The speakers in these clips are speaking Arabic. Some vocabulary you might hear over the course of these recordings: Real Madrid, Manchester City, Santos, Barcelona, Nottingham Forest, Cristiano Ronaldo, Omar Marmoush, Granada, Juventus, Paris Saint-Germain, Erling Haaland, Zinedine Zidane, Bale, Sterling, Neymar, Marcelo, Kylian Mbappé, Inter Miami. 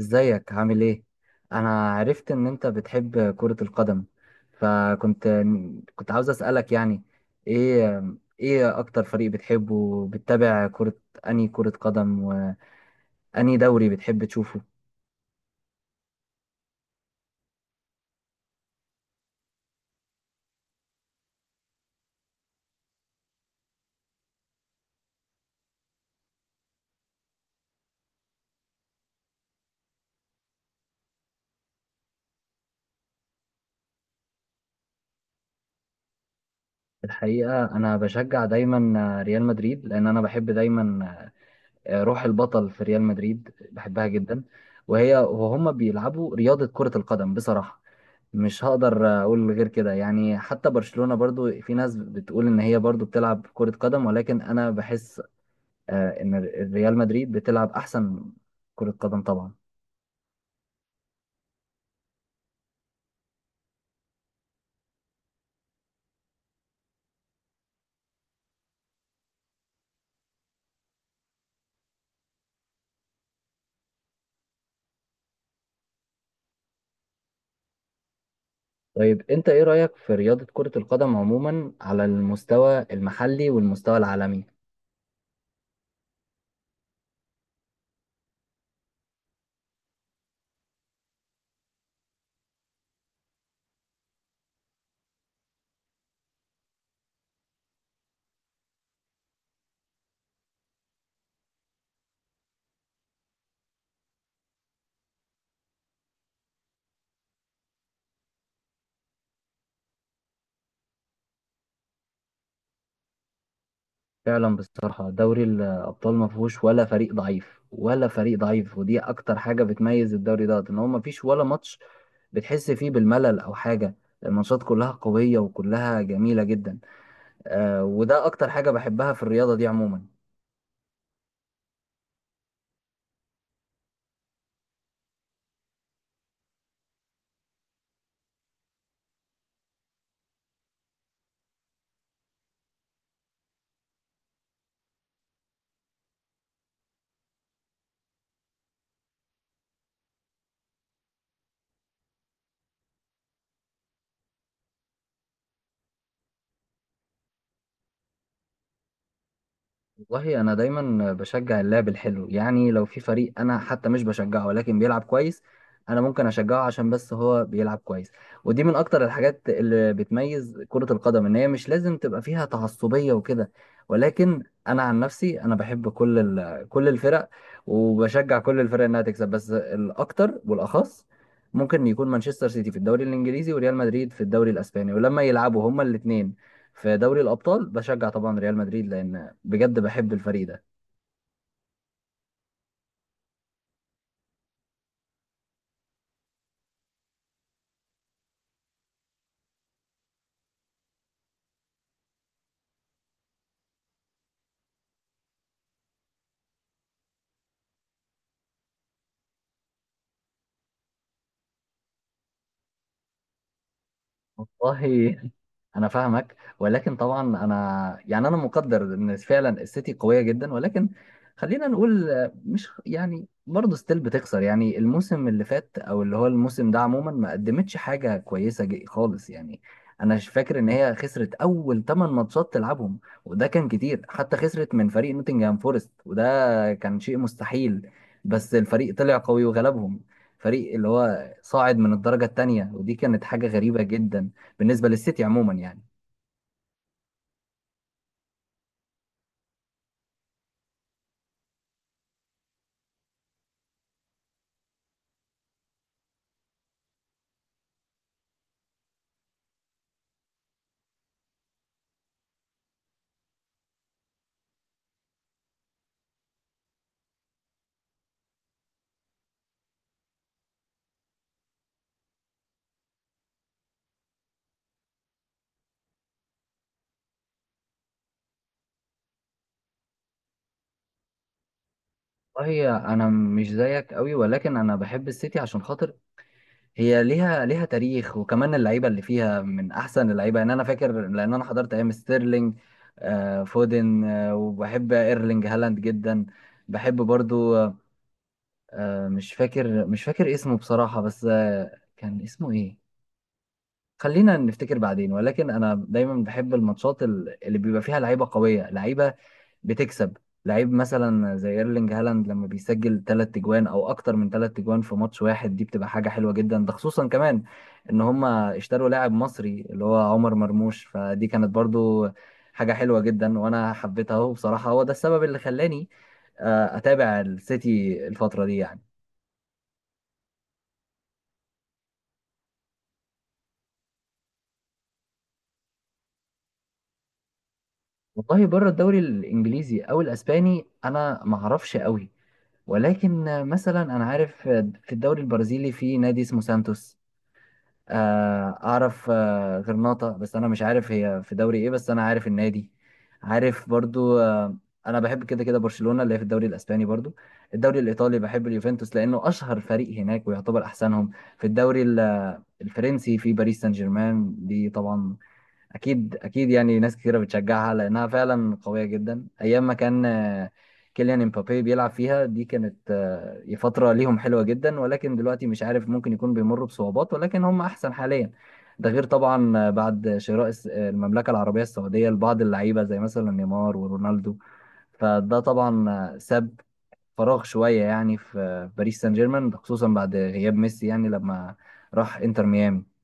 ازيك، عامل ايه؟ انا عرفت ان انت بتحب كرة القدم. فكنت كنت عاوز اسألك، يعني ايه ايه اكتر فريق بتحبه، وبتتابع كرة، انهي كرة قدم وانهي دوري بتحب تشوفه؟ الحقيقة انا بشجع دايما ريال مدريد، لان انا بحب دايما روح البطل في ريال مدريد، بحبها جدا. وهي وهما بيلعبوا رياضة كرة القدم. بصراحة مش هقدر اقول غير كده، يعني حتى برشلونة برضو في ناس بتقول ان هي برضو بتلعب كرة قدم، ولكن انا بحس ان ريال مدريد بتلعب احسن كرة قدم طبعا. طيب، انت ايه رأيك في رياضة كرة القدم عموما، على المستوى المحلي والمستوى العالمي؟ فعلا، بصراحة دوري الابطال ما فيهوش ولا فريق ضعيف، ودي اكتر حاجة بتميز الدوري ده، ان هو ما فيش ولا ماتش بتحس فيه بالملل او حاجة. الماتشات كلها قوية وكلها جميلة جدا. وده اكتر حاجة بحبها في الرياضة دي عموما. والله انا دايما بشجع اللعب الحلو، يعني لو في فريق انا حتى مش بشجعه ولكن بيلعب كويس، انا ممكن اشجعه عشان بس هو بيلعب كويس. ودي من اكتر الحاجات اللي بتميز كرة القدم، ان هي مش لازم تبقى فيها تعصبية وكده. ولكن انا عن نفسي انا بحب كل الفرق، وبشجع كل الفرق انها تكسب، بس الاكتر والاخص ممكن يكون مانشستر سيتي في الدوري الانجليزي وريال مدريد في الدوري الاسباني. ولما يلعبوا هما الاثنين في دوري الابطال، بشجع طبعا ريال مدريد، لان بجد بحب الفريق ده. والله، انا فاهمك، ولكن طبعا انا، يعني انا مقدر ان فعلا السيتي قويه جدا، ولكن خلينا نقول مش، يعني برضه ستيل بتخسر، يعني الموسم اللي فات او اللي هو الموسم ده عموما ما قدمتش حاجه كويسه خالص، يعني. انا مش فاكر ان هي خسرت اول 8 ماتشات تلعبهم، وده كان كتير. حتى خسرت من فريق نوتنجهام فورست، وده كان شيء مستحيل. بس الفريق طلع قوي وغلبهم، فريق اللي هو صاعد من الدرجة التانية، ودي كانت حاجة غريبة جدا بالنسبة للسيتي عموما، يعني. والله انا مش زيك قوي، ولكن انا بحب السيتي عشان خاطر هي، ليها تاريخ، وكمان اللعيبه اللي فيها من احسن اللعيبه. يعني انا فاكر لان انا حضرت ايام ستيرلينج، فودن، وبحب ايرلينج هالاند جدا. بحب برضو، مش فاكر اسمه بصراحه، بس كان اسمه ايه. خلينا نفتكر بعدين. ولكن انا دايما بحب الماتشات اللي بيبقى فيها لعيبه قويه، لعيبه بتكسب. لعيب مثلا زي ايرلينج هالاند لما بيسجل تلات تجوان او اكتر من تلات تجوان في ماتش واحد، دي بتبقى حاجة حلوة جدا. ده خصوصا كمان ان هما اشتروا لاعب مصري اللي هو عمر مرموش، فدي كانت برضو حاجة حلوة جدا، وانا حبيتها اهو. بصراحة هو ده السبب اللي خلاني اتابع السيتي الفترة دي، يعني. والله بره الدوري الانجليزي او الاسباني انا ما اعرفش قوي، ولكن مثلا انا عارف في الدوري البرازيلي في نادي اسمه سانتوس. اعرف غرناطة، بس انا مش عارف هي في دوري ايه، بس انا عارف النادي. عارف برضو. انا بحب كده كده برشلونة، اللي هي في الدوري الاسباني برضو. الدوري الايطالي بحب اليوفنتوس، لانه اشهر فريق هناك ويعتبر احسنهم. في الدوري الفرنسي في باريس سان جيرمان، دي طبعا اكيد اكيد، يعني ناس كثيره بتشجعها لانها فعلا قويه جدا، ايام ما كان كيليان امبابي بيلعب فيها. دي كانت فتره ليهم حلوه جدا، ولكن دلوقتي مش عارف، ممكن يكون بيمروا بصعوبات، ولكن هم احسن حاليا. ده غير طبعا بعد شراء المملكه العربيه السعوديه لبعض اللعيبه زي مثلا نيمار ورونالدو. فده طبعا ساب فراغ شويه، يعني في باريس سان جيرمان، خصوصا بعد غياب ميسي، يعني لما راح انتر ميامي.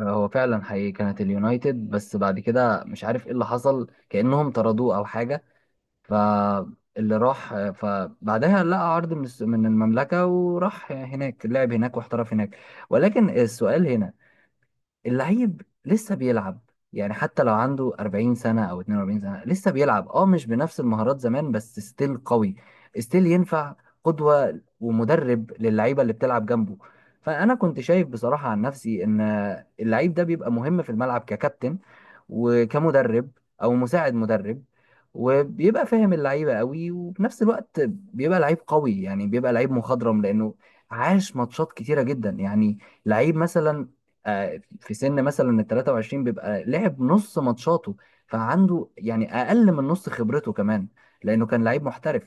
هو فعلا حقيقي كانت اليونايتد، بس بعد كده مش عارف ايه اللي حصل، كأنهم طردوه او حاجة. فاللي راح، فبعدها لقى عرض من من المملكة، وراح هناك، لعب هناك واحترف هناك. ولكن السؤال هنا، اللعيب لسه بيلعب، يعني حتى لو عنده 40 سنة أو 42 سنة لسه بيلعب، مش بنفس المهارات زمان، بس ستيل قوي، ستيل ينفع قدوة ومدرب للعيبة اللي بتلعب جنبه. فأنا كنت شايف بصراحة عن نفسي إن اللعيب ده بيبقى مهم في الملعب ككابتن، وكمدرب او مساعد مدرب، وبيبقى فاهم اللعيبه قوي، وفي نفس الوقت بيبقى لعيب قوي، يعني بيبقى لعيب مخضرم لانه عاش ماتشات كتيره جدا، يعني لعيب مثلا في سن مثلا ال 23 بيبقى لعب نص ماتشاته، فعنده يعني اقل من نص خبرته كمان، لانه كان لعيب محترف.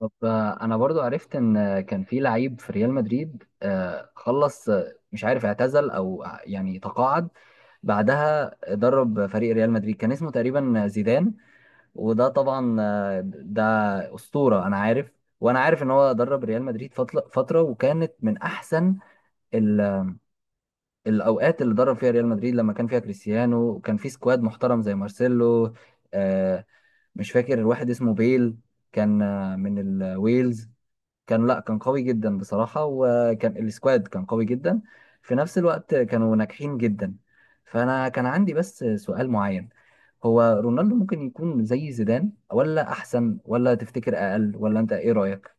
طب انا برضو عرفت ان كان في لعيب في ريال مدريد خلص، مش عارف اعتزل او يعني تقاعد، بعدها درب فريق ريال مدريد، كان اسمه تقريبا زيدان. وده طبعا ده أسطورة انا عارف. وانا عارف ان هو درب ريال مدريد فترة، وكانت من احسن ال- الاوقات اللي درب فيها ريال مدريد، لما كان فيها كريستيانو وكان في سكواد محترم زي مارسيلو، آه، مش فاكر واحد اسمه بيل، كان من الويلز. كان لا كان قوي جدا بصراحة، وكان السكواد كان قوي جدا، في نفس الوقت كانوا ناجحين جدا. فأنا كان عندي بس سؤال معين، هو رونالدو ممكن يكون زي زيدان ولا أحسن ولا تفتكر أقل، ولا أنت إيه رأيك؟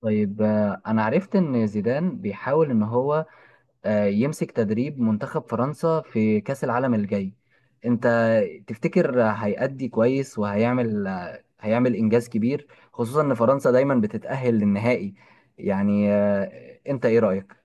طيب أنا عرفت إن زيدان بيحاول إن هو يمسك تدريب منتخب فرنسا في كأس العالم الجاي. انت تفتكر هيأدي كويس، وهيعمل هيعمل إنجاز كبير، خصوصا ان فرنسا دايما بتتأهل للنهائي؟ يعني انت ايه رأيك؟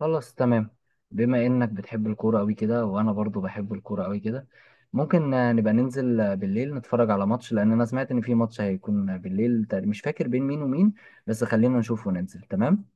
خلاص تمام. بما انك بتحب الكورة قوي كده، وانا برضو بحب الكورة قوي كده، ممكن نبقى ننزل بالليل نتفرج على ماتش، لان انا سمعت ان في ماتش هيكون بالليل مش فاكر بين مين ومين، بس خلينا نشوف وننزل تمام.